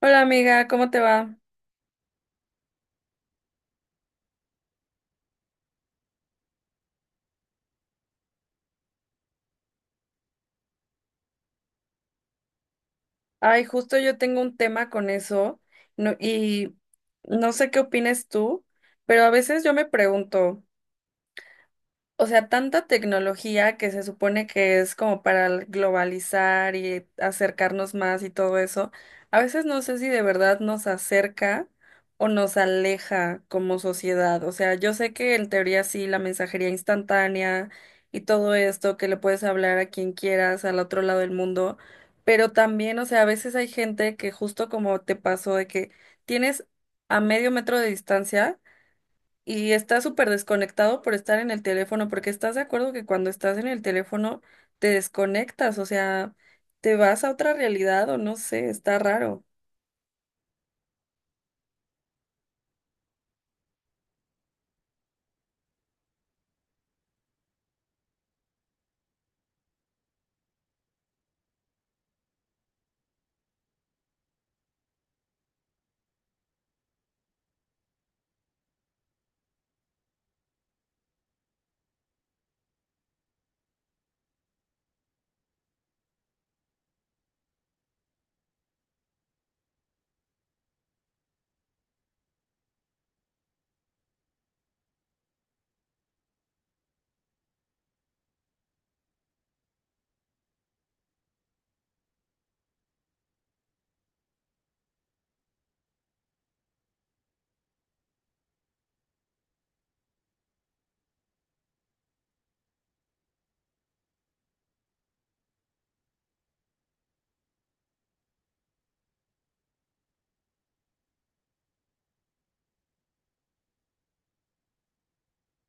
Hola amiga, ¿cómo te va? Ay, justo yo tengo un tema con eso y no sé qué opines tú, pero a veces yo me pregunto, o sea, tanta tecnología que se supone que es como para globalizar y acercarnos más y todo eso, a veces no sé si de verdad nos acerca o nos aleja como sociedad. O sea, yo sé que en teoría sí, la mensajería instantánea y todo esto, que le puedes hablar a quien quieras al otro lado del mundo, pero también, o sea, a veces hay gente que justo como te pasó de que tienes a medio metro de distancia y estás súper desconectado por estar en el teléfono, porque estás de acuerdo que cuando estás en el teléfono te desconectas, o sea, te vas a otra realidad o no sé, está raro.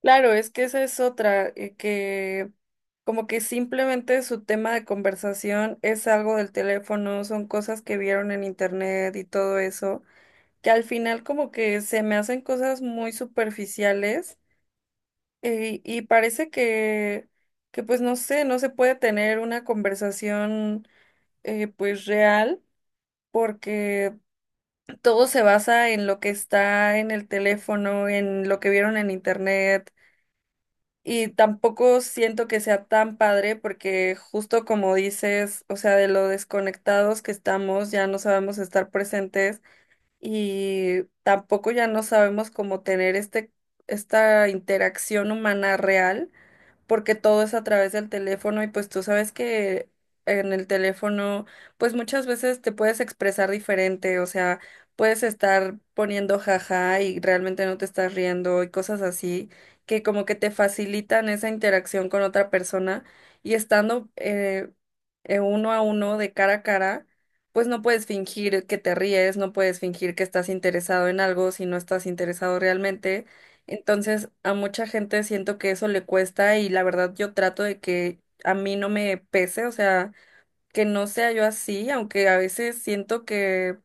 Claro, es que esa es otra, que como que simplemente su tema de conversación es algo del teléfono, son cosas que vieron en internet y todo eso, que al final como que se me hacen cosas muy superficiales. Y parece que, pues no sé, no se puede tener una conversación pues real, porque todo se basa en lo que está en el teléfono, en lo que vieron en internet y tampoco siento que sea tan padre porque justo como dices, o sea, de lo desconectados que estamos, ya no sabemos estar presentes y tampoco ya no sabemos cómo tener este, esta interacción humana real porque todo es a través del teléfono y pues tú sabes que en el teléfono pues muchas veces te puedes expresar diferente, o sea, puedes estar poniendo jaja y realmente no te estás riendo y cosas así que como que te facilitan esa interacción con otra persona y estando uno a uno de cara a cara. Pues no puedes fingir que te ríes, no puedes fingir que estás interesado en algo si no estás interesado realmente. Entonces, a mucha gente siento que eso le cuesta y la verdad yo trato de que a mí no me pese, o sea, que no sea yo así, aunque a veces siento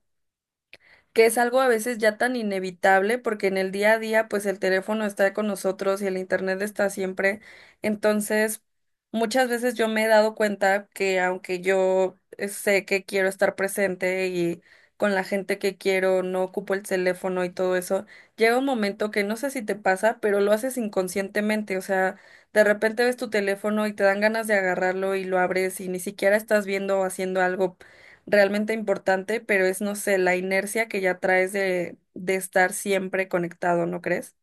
que es algo a veces ya tan inevitable porque en el día a día pues el teléfono está con nosotros y el internet está siempre. Entonces, muchas veces yo me he dado cuenta que aunque yo sé que quiero estar presente y con la gente que quiero, no ocupo el teléfono y todo eso, llega un momento que no sé si te pasa, pero lo haces inconscientemente, o sea, de repente ves tu teléfono y te dan ganas de agarrarlo y lo abres y ni siquiera estás viendo o haciendo algo realmente importante, pero es, no sé, la inercia que ya traes de estar siempre conectado, ¿no crees?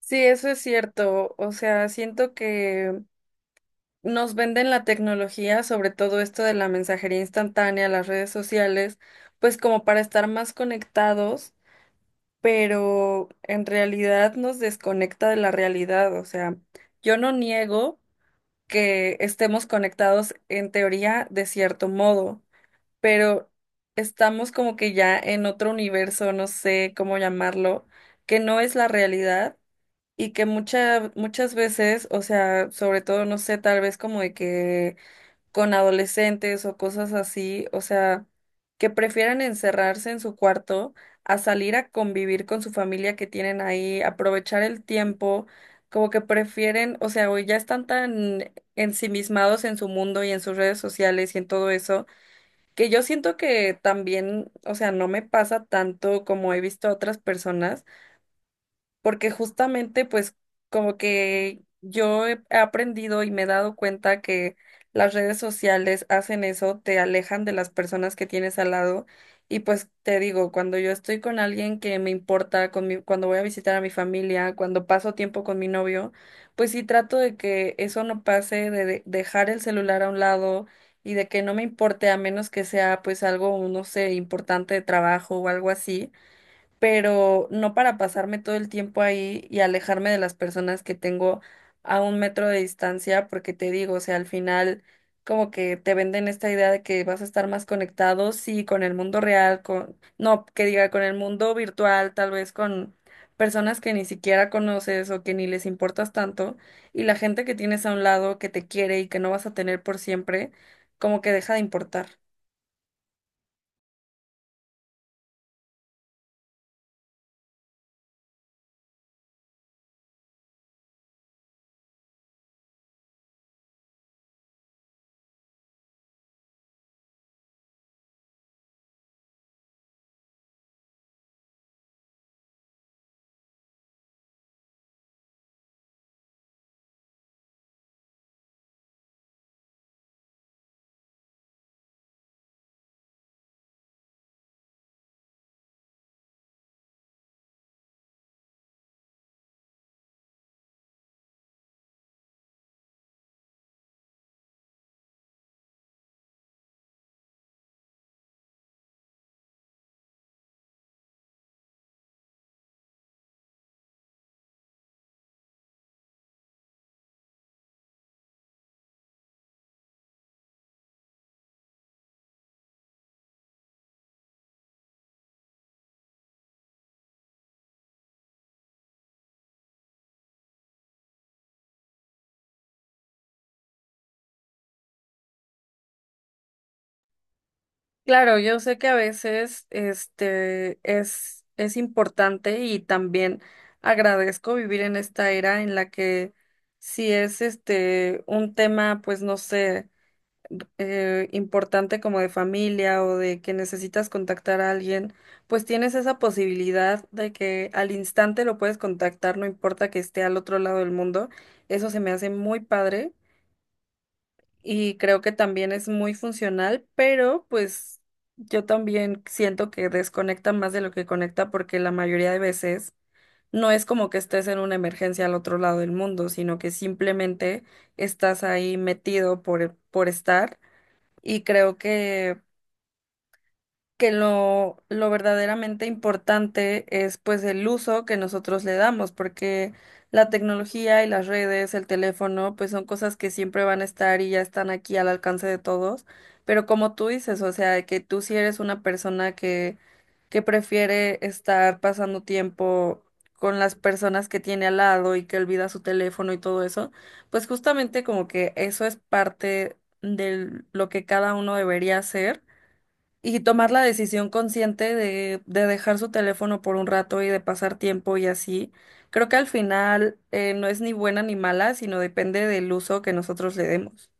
Sí, eso es cierto. O sea, siento que nos venden la tecnología, sobre todo esto de la mensajería instantánea, las redes sociales, pues como para estar más conectados, pero en realidad nos desconecta de la realidad. O sea, yo no niego que estemos conectados en teoría de cierto modo, pero estamos como que ya en otro universo, no sé cómo llamarlo, que no es la realidad y que muchas muchas veces, o sea, sobre todo, no sé, tal vez como de que con adolescentes o cosas así, o sea, que prefieran encerrarse en su cuarto a salir a convivir con su familia que tienen ahí, aprovechar el tiempo. Como que prefieren, o sea, hoy ya están tan ensimismados en su mundo y en sus redes sociales y en todo eso, que yo siento que también, o sea, no me pasa tanto como he visto a otras personas, porque justamente pues como que yo he aprendido y me he dado cuenta que las redes sociales hacen eso, te alejan de las personas que tienes al lado y pues te digo, cuando yo estoy con alguien que me importa, con cuando voy a visitar a mi familia, cuando paso tiempo con mi novio, pues sí trato de que eso no pase, de dejar el celular a un lado y de que no me importe a menos que sea pues algo, no sé, importante de trabajo o algo así, pero no para pasarme todo el tiempo ahí y alejarme de las personas que tengo a un metro de distancia, porque te digo, o sea, al final como que te venden esta idea de que vas a estar más conectado, sí, con el mundo real, con, no, que diga, con el mundo virtual, tal vez con personas que ni siquiera conoces o que ni les importas tanto, y la gente que tienes a un lado que te quiere y que no vas a tener por siempre, como que deja de importar. Claro, yo sé que a veces este es importante y también agradezco vivir en esta era en la que si es este un tema, pues no sé, importante como de familia o de que necesitas contactar a alguien, pues tienes esa posibilidad de que al instante lo puedes contactar, no importa que esté al otro lado del mundo. Eso se me hace muy padre y creo que también es muy funcional, pero pues yo también siento que desconecta más de lo que conecta porque la mayoría de veces no es como que estés en una emergencia al otro lado del mundo, sino que simplemente estás ahí metido por estar y creo que lo verdaderamente importante es pues el uso que nosotros le damos, porque la tecnología y las redes, el teléfono, pues son cosas que siempre van a estar y ya están aquí al alcance de todos. Pero como tú dices, o sea, que tú si eres una persona que prefiere estar pasando tiempo con las personas que tiene al lado y que olvida su teléfono y todo eso, pues justamente como que eso es parte de lo que cada uno debería hacer y tomar la decisión consciente de dejar su teléfono por un rato y de pasar tiempo y así. Creo que al final no es ni buena ni mala, sino depende del uso que nosotros le demos.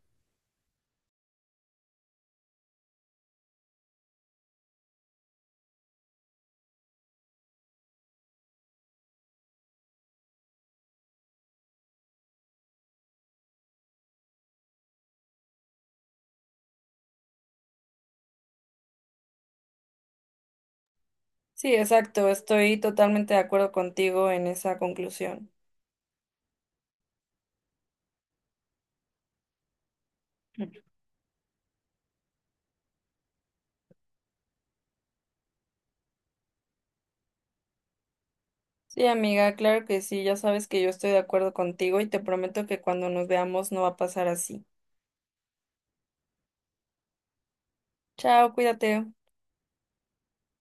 Sí, exacto. Estoy totalmente de acuerdo contigo en esa conclusión. Sí, amiga, claro que sí. Ya sabes que yo estoy de acuerdo contigo y te prometo que cuando nos veamos no va a pasar así. Chao, cuídate.